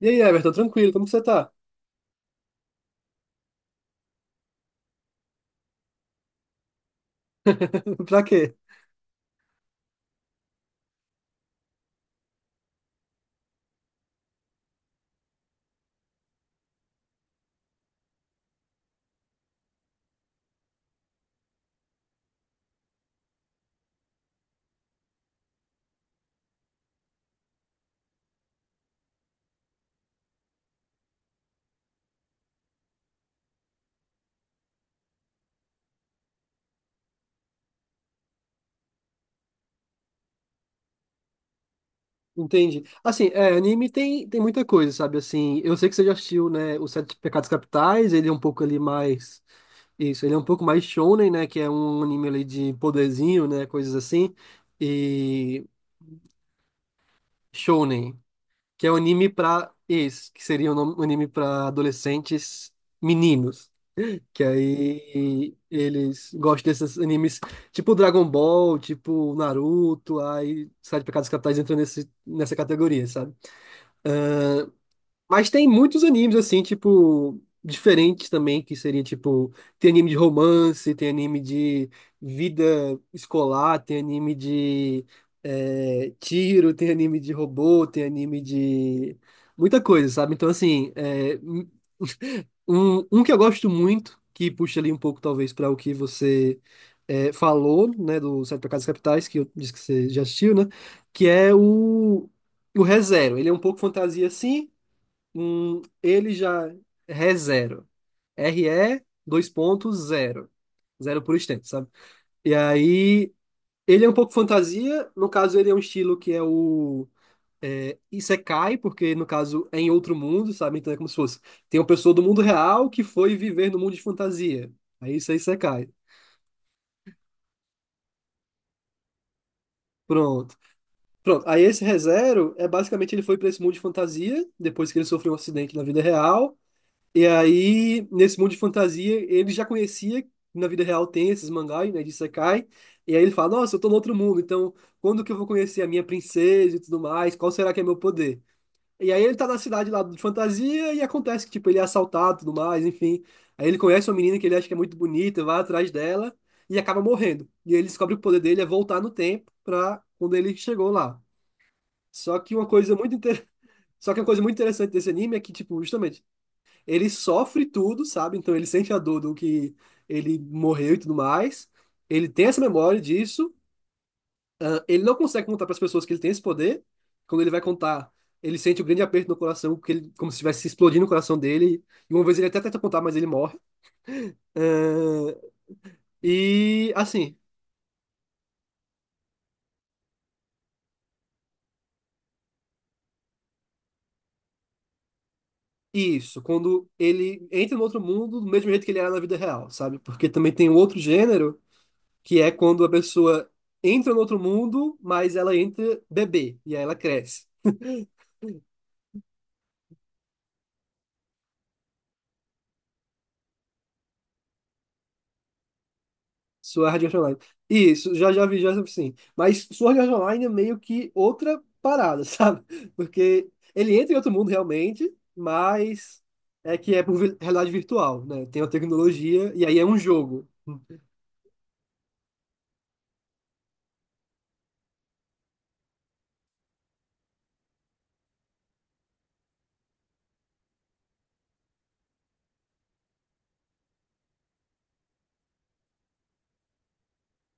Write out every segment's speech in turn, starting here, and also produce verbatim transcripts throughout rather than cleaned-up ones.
E aí, Everton, tranquilo, como que você tá? Pra quê? Entendi. Assim, é, anime tem, tem muita coisa, sabe? Assim, eu sei que você já assistiu, né, Os Sete Pecados Capitais, ele é um pouco ali mais... Isso, ele é um pouco mais shonen, né, que é um anime ali de poderzinho, né, coisas assim. E shonen, que é um anime pra... Isso, que seria um nome- um anime pra adolescentes meninos. Que aí eles gostam desses animes tipo Dragon Ball, tipo Naruto, aí Sete Pecados Capitais entra nesse, nessa categoria, sabe? Mas tem muitos animes assim, tipo, diferentes também, que seria tipo, tem anime de romance, tem anime de vida escolar, tem anime de é, tiro, tem anime de robô, tem anime de muita coisa, sabe? Então, assim, é, um, um que eu gosto muito, que puxa ali um pouco, talvez, para o que você é, falou, né, do Sete Pecados Capitais, que eu disse que você já assistiu, né? Que é o, o ReZero. Ele é um pouco fantasia, sim. Hum, ele já. É ReZero. R e dois pontos, zero. Zero por extenso, sabe? E aí. Ele é um pouco fantasia. No caso, ele é um estilo que é o. É, Isekai, porque no caso é em outro mundo, sabe? Então é como se fosse. Tem uma pessoa do mundo real que foi viver no mundo de fantasia. Aí isso é Isekai. Pronto. Pronto. Aí esse ReZero é basicamente ele foi para esse mundo de fantasia, depois que ele sofreu um acidente na vida real. E aí, nesse mundo de fantasia, ele já conhecia, que na vida real tem esses mangás, né, de Isekai. E aí ele fala: Nossa, eu tô no outro mundo, então quando que eu vou conhecer a minha princesa e tudo mais? Qual será que é meu poder? E aí ele tá na cidade lá de fantasia e acontece que, tipo, ele é assaltado e tudo mais, enfim. Aí ele conhece uma menina que ele acha que é muito bonita, vai atrás dela e acaba morrendo. E ele descobre que o poder dele é voltar no tempo pra quando ele chegou lá. Só que uma coisa muito inter... Só que uma coisa muito interessante desse anime é que, tipo, justamente, ele sofre tudo, sabe? Então ele sente a dor do que ele morreu e tudo mais. Ele tem essa memória disso. Ele não consegue contar para as pessoas que ele tem esse poder. Quando ele vai contar, ele sente um grande aperto no coração, porque ele, como se estivesse explodindo o coração dele. E uma vez ele até tenta contar, mas ele morre. É. E assim, isso, quando ele entra no outro mundo do mesmo jeito que ele era na vida real, sabe? Porque também tem um outro gênero, que é quando a pessoa entra no outro mundo, mas ela entra bebê, e aí ela cresce. Sword Art Online. Isso, já já vi, já sim. Mas Sword Art Online é meio que outra parada, sabe? Porque ele entra em outro mundo realmente, mas é que é por vi- realidade virtual, né? Tem uma tecnologia e aí é um jogo.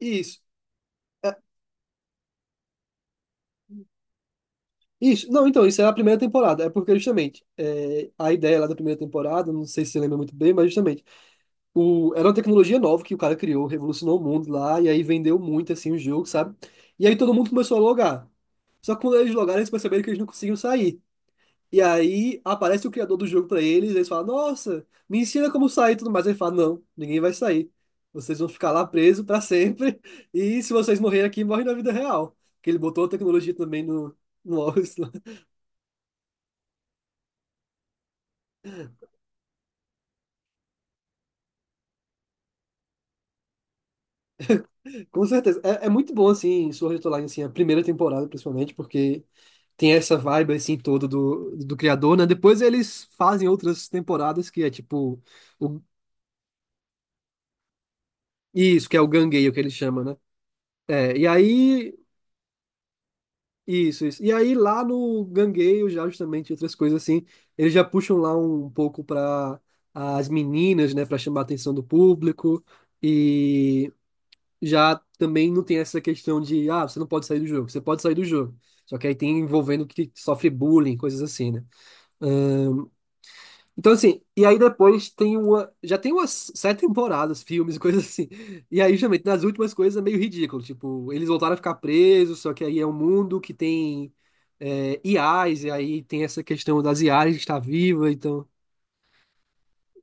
Isso. É, isso. Não, então, isso é a primeira temporada. É porque, justamente, é, a ideia lá da primeira temporada, não sei se você lembra muito bem, mas justamente, o, era uma tecnologia nova que o cara criou, revolucionou o mundo lá, e aí vendeu muito, assim, o jogo, sabe? E aí todo mundo começou a logar. Só que quando eles logaram, eles perceberam que eles não conseguiam sair. E aí aparece o criador do jogo pra eles, eles falam, nossa, me ensina como sair e tudo mais. Ele fala, não, ninguém vai sair. Vocês vão ficar lá presos pra sempre. E se vocês morrerem aqui, morrem na vida real. Que ele botou a tecnologia também no, no Oculus lá. Com certeza. É, é muito bom, assim, Sword Art Online, assim, a primeira temporada, principalmente, porque tem essa vibe, assim, toda do, do criador, né? Depois eles fazem outras temporadas que é tipo... O, isso, que é o Gangueio, que ele chama, né? É, e aí. Isso, isso. E aí lá no Gangueio, já justamente outras coisas assim, eles já puxam lá um pouco para as meninas, né, para chamar a atenção do público e já também não tem essa questão de, ah, você não pode sair do jogo, você pode sair do jogo. Só que aí tem envolvendo que sofre bullying, coisas assim, né? Então, assim, e aí depois tem uma. Já tem umas sete temporadas, filmes, e coisas assim. E aí, justamente, nas últimas coisas é meio ridículo. Tipo, eles voltaram a ficar presos, só que aí é um mundo que tem é, i as, e aí tem essa questão das i as que está viva. Então,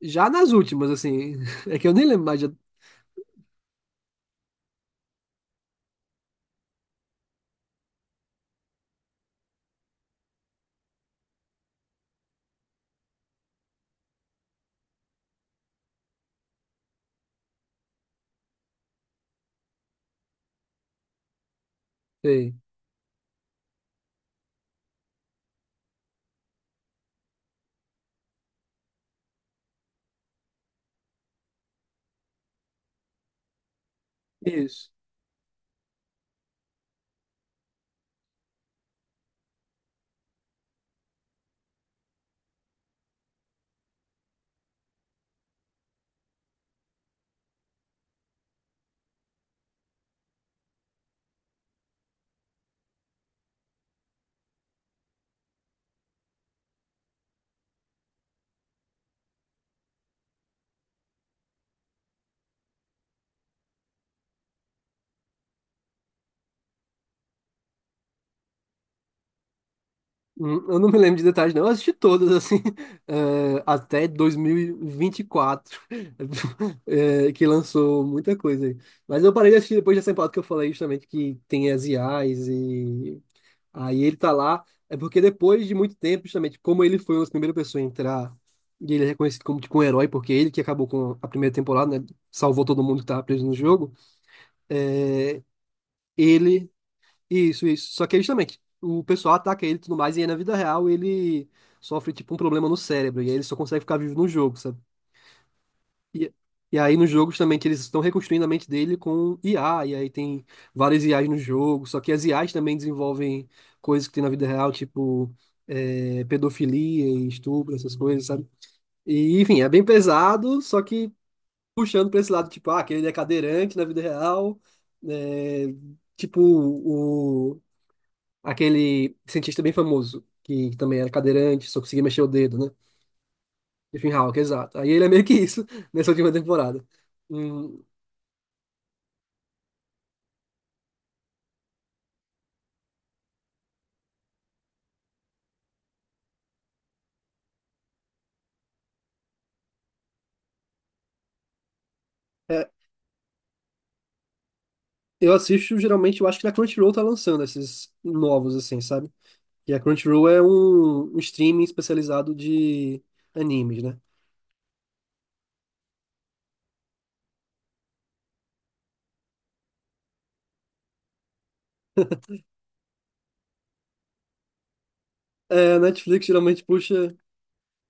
já nas últimas, assim. É que eu nem lembro mais. Já... Sei. Isso. Hum, Eu não me lembro de detalhes, não. Eu assisti todas, assim, eh, até dois mil e vinte e quatro, eh, que lançou muita coisa aí. Mas eu parei de assistir depois dessa temporada que eu falei justamente que tem as I as e aí ele tá lá. É porque depois de muito tempo, justamente, como ele foi uma das primeiras pessoas a entrar e ele é reconhecido como tipo um herói, porque ele que acabou com a primeira temporada, né? Salvou todo mundo que tava preso no jogo. Ele Isso, isso. Só que aí, justamente, o pessoal ataca ele e tudo mais, e aí na vida real ele sofre tipo um problema no cérebro, e aí ele só consegue ficar vivo no jogo, sabe? E, e aí nos jogos também que eles estão reconstruindo a mente dele com i a, e aí tem várias i as no jogo, só que as i as também desenvolvem coisas que tem na vida real, tipo é, pedofilia e estupro, essas coisas, sabe? E enfim, é bem pesado, só que puxando pra esse lado, tipo, ah, aquele é cadeirante na vida real, é, tipo, o aquele cientista bem famoso, que também era cadeirante, só conseguia mexer o dedo, né? Stephen Hawking, exato. Aí ele é meio que isso nessa última temporada. Hum, é, eu assisto geralmente, eu acho que na Crunchyroll tá lançando esses novos, assim, sabe? E a Crunchyroll é um, um streaming especializado de animes, né? É, a Netflix geralmente puxa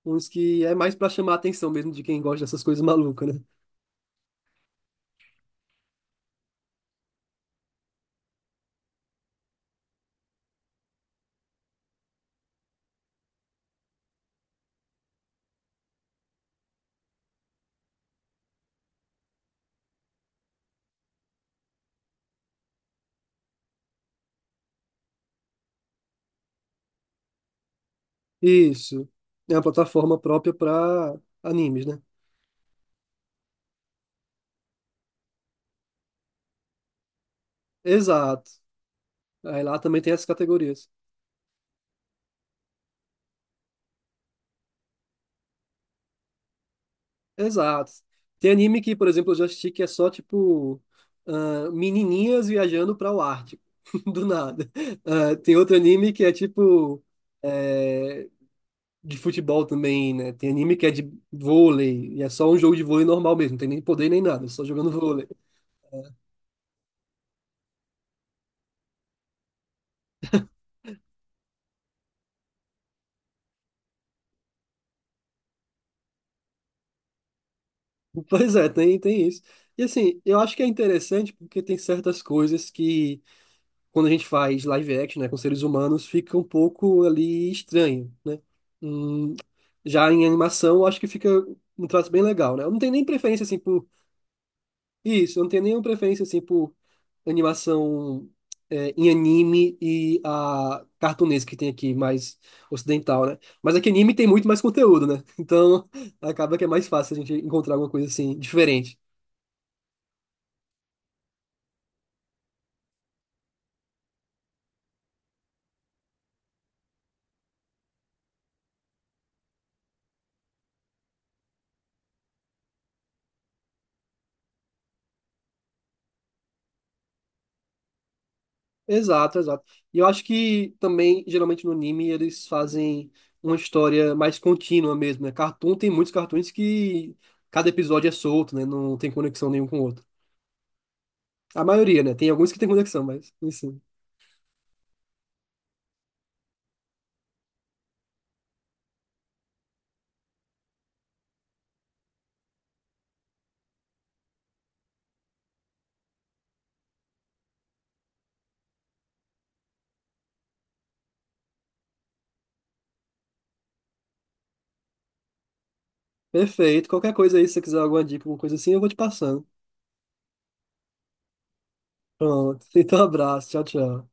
uns que é mais pra chamar a atenção mesmo de quem gosta dessas coisas malucas, né? Isso. É uma plataforma própria pra animes, né? Exato. Aí lá também tem essas categorias. Exato. Tem anime que, por exemplo, eu já assisti que é só tipo ah, menininhas viajando para o Ártico, do nada. Ah, tem outro anime que é tipo é, de futebol também, né? Tem anime que é de vôlei e é só um jogo de vôlei normal mesmo, não tem nem poder nem nada, só jogando vôlei. Pois é, tem, tem isso. E assim, eu acho que é interessante porque tem certas coisas que quando a gente faz live action, né, com seres humanos, fica um pouco ali estranho, né? Hum, já em animação, eu acho que fica um traço bem legal, né? Eu não tenho nem preferência assim por isso, eu não tenho nenhuma preferência assim por animação é, em anime e a cartunesa que tem aqui, mais ocidental, né? Mas aqui anime tem muito mais conteúdo, né? Então acaba que é mais fácil a gente encontrar alguma coisa assim diferente. Exato, exato. E eu acho que também, geralmente no anime, eles fazem uma história mais contínua mesmo, né? Cartoon tem muitos cartoons que cada episódio é solto, né? Não tem conexão nenhum com o outro. A maioria, né? Tem alguns que tem conexão, mas enfim. Perfeito. Qualquer coisa aí, se você quiser alguma dica, alguma coisa assim, eu vou te passando. Pronto. Então, abraço. Tchau, tchau.